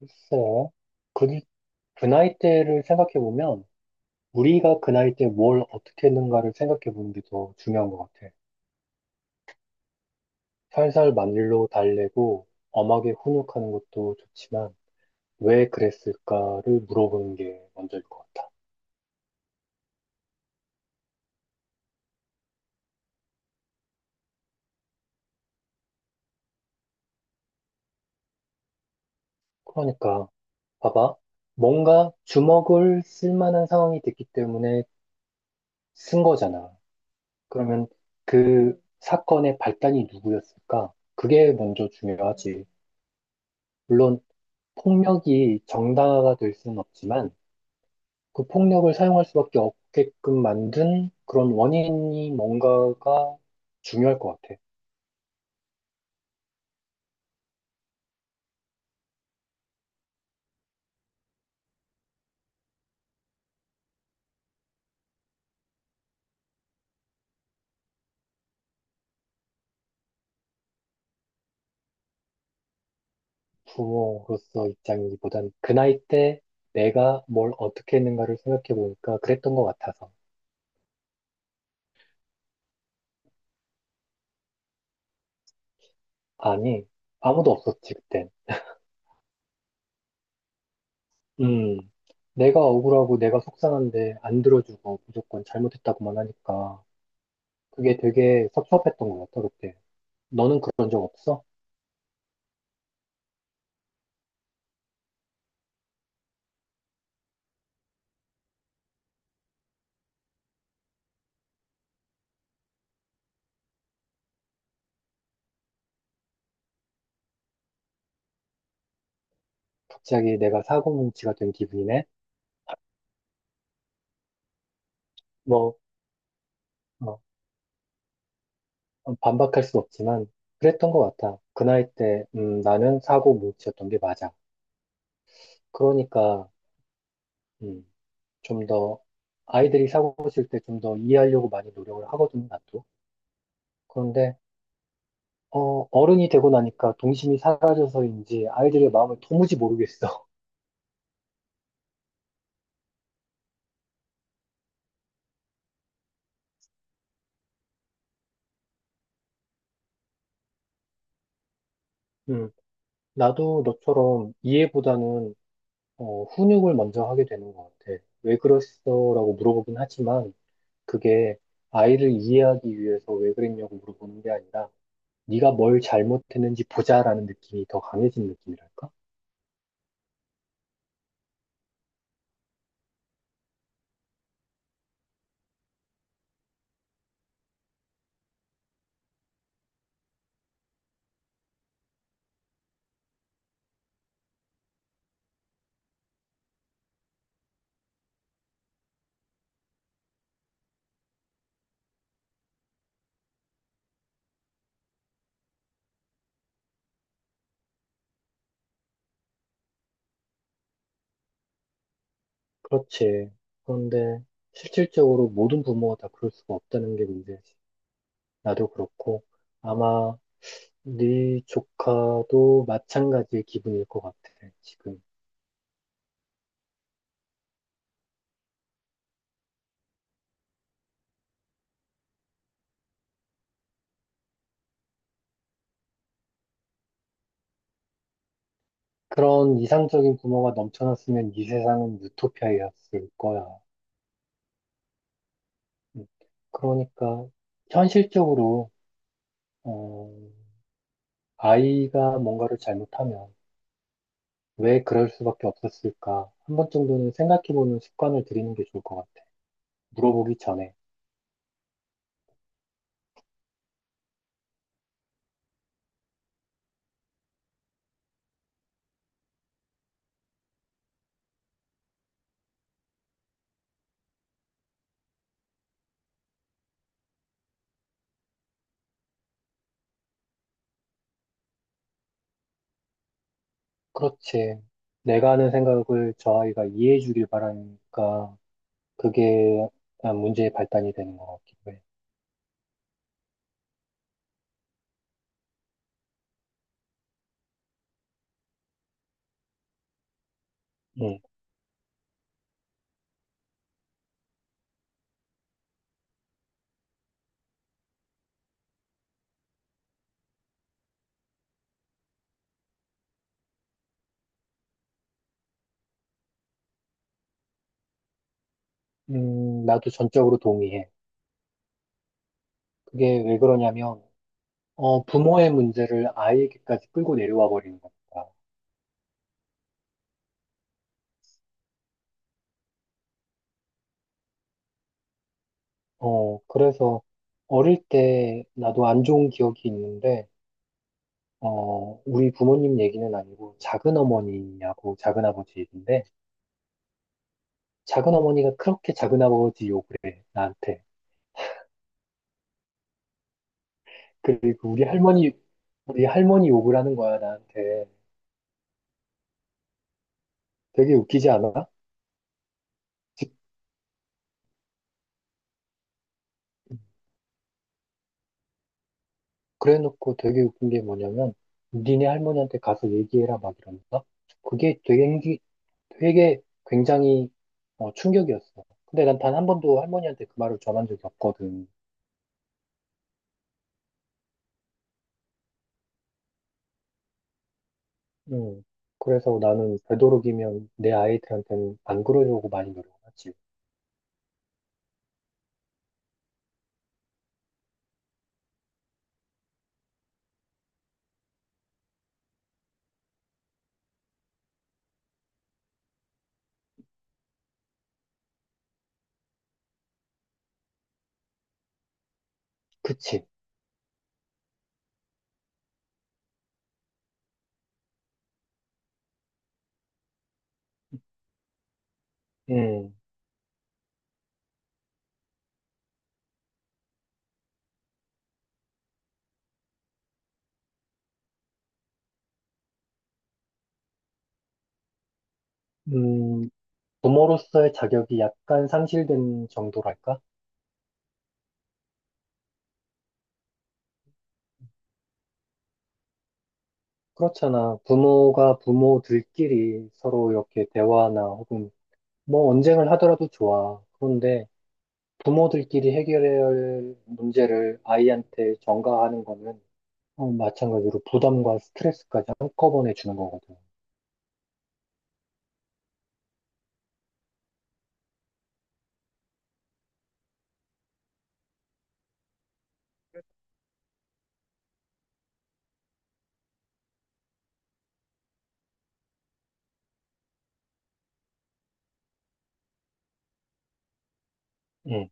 글쎄요. 그, 그 나이대를 생각해보면, 우리가 그 나이대 뭘 어떻게 했는가를 생각해보는 게 더 중요한 것 같아. 살살 만릴로 달래고, 엄하게 훈육하는 것도 좋지만, 왜 그랬을까를 물어보는 게 먼저일 것 같아. 그러니까, 봐봐. 뭔가 주먹을 쓸 만한 상황이 됐기 때문에 쓴 거잖아. 그러면 그 사건의 발단이 누구였을까? 그게 먼저 중요하지. 물론, 폭력이 정당화가 될 수는 없지만 그 폭력을 사용할 수밖에 없게끔 만든 그런 원인이 뭔가가 중요할 것 같아. 부모로서 입장이기보단 그 나이 때 내가 뭘 어떻게 했는가를 생각해 보니까 그랬던 것 같아서. 아니, 아무도 없었지, 그땐. 음, 내가 억울하고 내가 속상한데 안 들어주고 무조건 잘못했다고만 하니까 그게 되게 섭섭했던 것 같아, 그때. 너는 그런 적 없어? 갑자기 내가 사고뭉치가 된 기분이네? 뭐, 어, 반박할 수 없지만, 그랬던 것 같아. 그 나이 때, 나는 사고 못치었던 게 맞아. 그러니까, 음, 좀 더, 아이들이 사고 칠 때 좀 더 이해하려고 많이 노력을 하거든, 나도. 그런데, 어른이 되고 나니까 동심이 사라져서인지 아이들의 마음을 도무지 모르겠어. 음, 나도 너처럼 이해보다는, 훈육을 먼저 하게 되는 것 같아. 왜 그랬어? 라고 물어보긴 하지만, 그게 아이를 이해하기 위해서 왜 그랬냐고 물어보는 게 아니라, 네가 뭘 잘못했는지 보자라는 느낌이 더 강해진 느낌이랄까? 그렇지. 그런데 실질적으로 모든 부모가 다 그럴 수가 없다는 게 문제지. 나도 그렇고 아마 네 조카도 마찬가지의 기분일 것 같아, 지금. 그런 이상적인 부모가 넘쳐났으면 이 세상은 유토피아였을 거야. 음, 그러니까 현실적으로 어, 아이가 뭔가를 잘못하면 왜 그럴 수밖에 없었을까? 한 번 정도는 생각해보는 습관을 들이는 게 좋을 것 같아. 물어보기 전에. 그렇지. 내가 하는 생각을 저 아이가 이해해 주길 바라니까 그게 문제의 발단이 되는 것 같기도 해. 응. 나도 전적으로 동의해. 그게 왜 그러냐면, 부모의 문제를 아이에게까지 끌고 내려와 버리는 거니까. 그래서 어릴 때 나도 안 좋은 기억이 있는데, 우리 부모님 얘기는 아니고 작은 어머니하고 작은 아버지 얘기인데 작은 어머니가 그렇게 작은 아버지 욕을 해, 나한테. 그리고 우리 할머니 욕을 하는 거야, 나한테. 되게 웃기지 않아? 그래 놓고 되게 웃긴 게 뭐냐면 니네 할머니한테 가서 얘기해라 막 이러면서, 그게 되게 되게 굉장히 충격이었어. 근데 난 단 한 번도 할머니한테 그 말을 전한 적이 없거든. 음. 그래서 나는 되도록이면 내 아이들한테는 안 그러려고 많이 노력하지. 그치? 음, 음, 부모로서의 자격이 약간 상실된 정도랄까? 그렇잖아. 부모가 부모들끼리 서로 이렇게 대화나 혹은 뭐 언쟁을 하더라도 좋아. 그런데 부모들끼리 해결해야 할 문제를 아이한테 전가하는 거는 마찬가지로 부담과 스트레스까지 한꺼번에 주는 거거든. 음.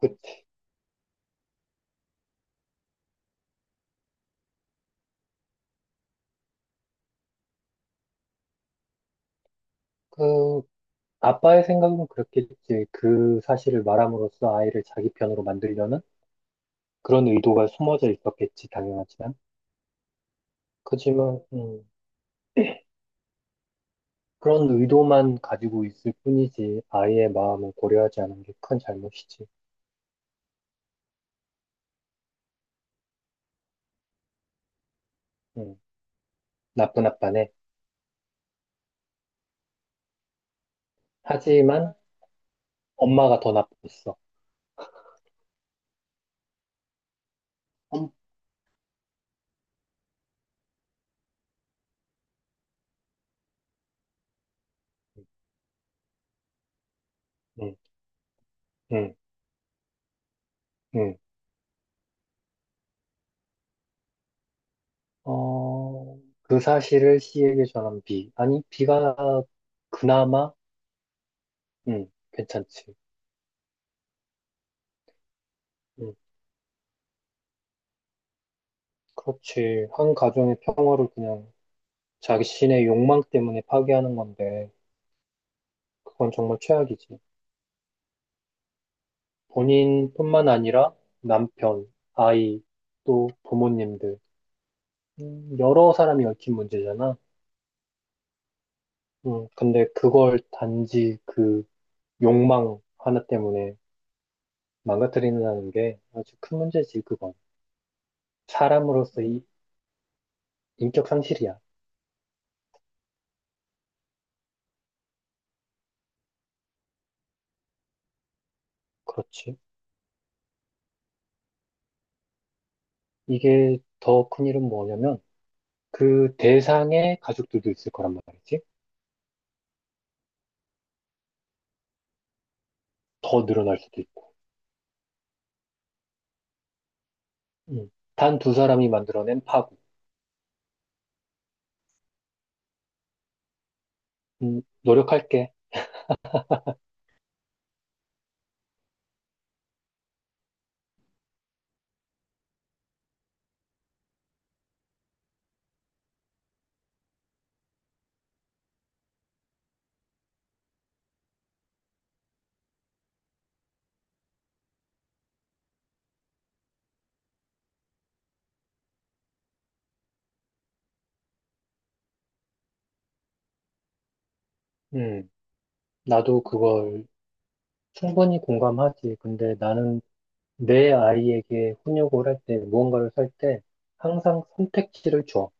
그, 그, 아빠의 생각은 그렇겠지. 그 사실을 말함으로써 아이를 자기 편으로 만들려는 그런 의도가 숨어져 있었겠지, 당연하지만. 그지만, 그런 의도만 가지고 있을 뿐이지, 아이의 마음을 고려하지 않은 게 큰 잘못이지. 음, 나쁜 아빠네. 하지만, 엄마가 더 나빴어. 엄, 음, 음, 음. 그 사실을 C에게 전한 B. 아니, B가 그나마, 괜찮지. 음, 그렇지. 한 가정의 평화를 그냥 자신의 욕망 때문에 파기하는 건데, 그건 정말 최악이지. 본인뿐만 아니라 남편, 아이, 또 부모님들, 여러 사람이 얽힌 문제잖아. 근데 그걸 단지 그 욕망 하나 때문에 망가뜨린다는 게 아주 큰 문제지, 그건. 사람으로서 이 인격 상실이야. 그렇지. 이게 더 큰 일은 뭐냐면, 그 대상의 가족들도 있을 거란 말이지. 더 늘어날 수도 있고. 음. 단 두 사람이 만들어낸 파국. 노력할게. 음, 나도 그걸 충분히 공감하지. 근데 나는 내 아이에게 훈육을 할 때, 무언가를 살 때, 항상 선택지를 줘.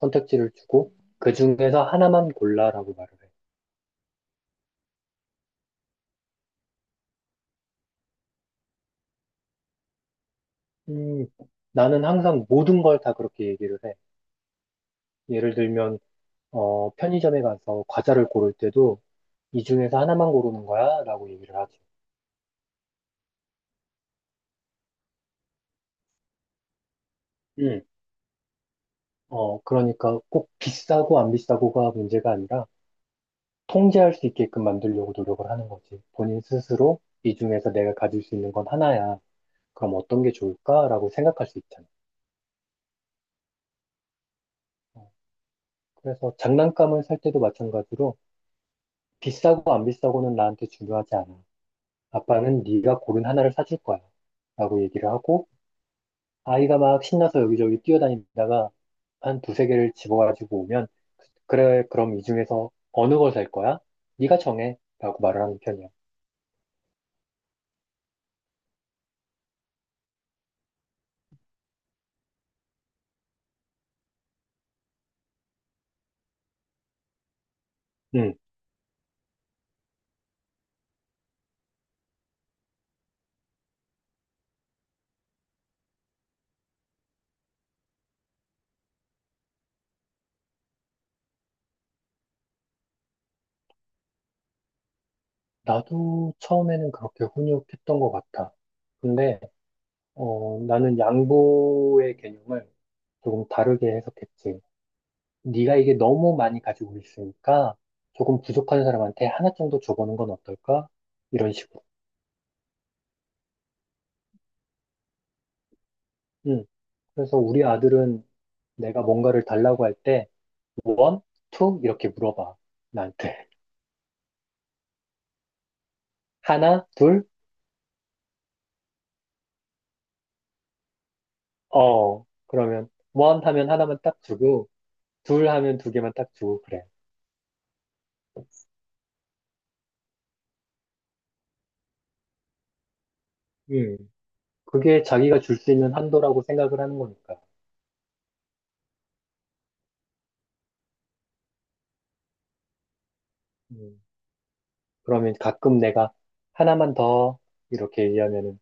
선택지를 주고, 그 중에서 하나만 골라라고 말을 해. 음, 나는 항상 모든 걸 다 그렇게 얘기를 해. 예를 들면, 편의점에 가서 과자를 고를 때도, 이 중에서 하나만 고르는 거야? 라고 얘기를 하지. 그러니까 꼭 비싸고 안 비싸고가 문제가 아니라 통제할 수 있게끔 만들려고 노력을 하는 거지. 본인 스스로 이 중에서 내가 가질 수 있는 건 하나야. 그럼 어떤 게 좋을까라고 생각할 수 있잖아. 어, 그래서 장난감을 살 때도 마찬가지로 비싸고 안 비싸고는 나한테 중요하지 않아. 아빠는 네가 고른 하나를 사줄 거야. 라고 얘기를 하고 아이가 막 신나서 여기저기 뛰어다니다가 한 두세 개를 집어가지고 오면 그래 그럼 이 중에서 어느 걸 살 거야? 네가 정해 라고 말을 하는 편이야. 응. 나도 처음에는 그렇게 훈육했던 것 같아. 근데 나는 양보의 개념을 조금 다르게 해석했지. 네가 이게 너무 많이 가지고 있으니까 조금 부족한 사람한테 하나 정도 줘보는 건 어떨까? 이런 식으로. 응. 그래서 우리 아들은 내가 뭔가를 달라고 할때 원, 투 이렇게 물어봐. 나한테. 하나, 둘, 어. 그러면 원 하면 하나만 딱 주고 둘 하면 두 개만 딱 주고 그래. 음. 그게 자기가 줄 수 있는 한도라고 생각을 하는 거니까. 음. 그러면 가끔 내가 하나만 더 이렇게 얘기하면은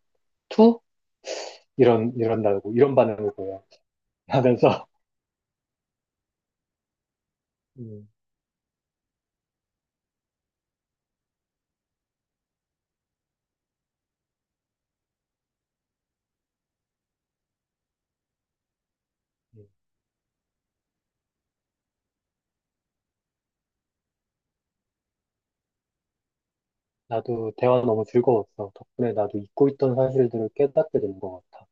투 이런다고 이런 반응을 보여. 하면서 음, 음. 나도 대화 너무 즐거웠어. 덕분에 나도 잊고 있던 사실들을 깨닫게 된 것 같아.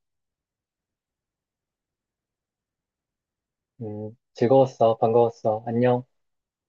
즐거웠어. 반가웠어. 안녕.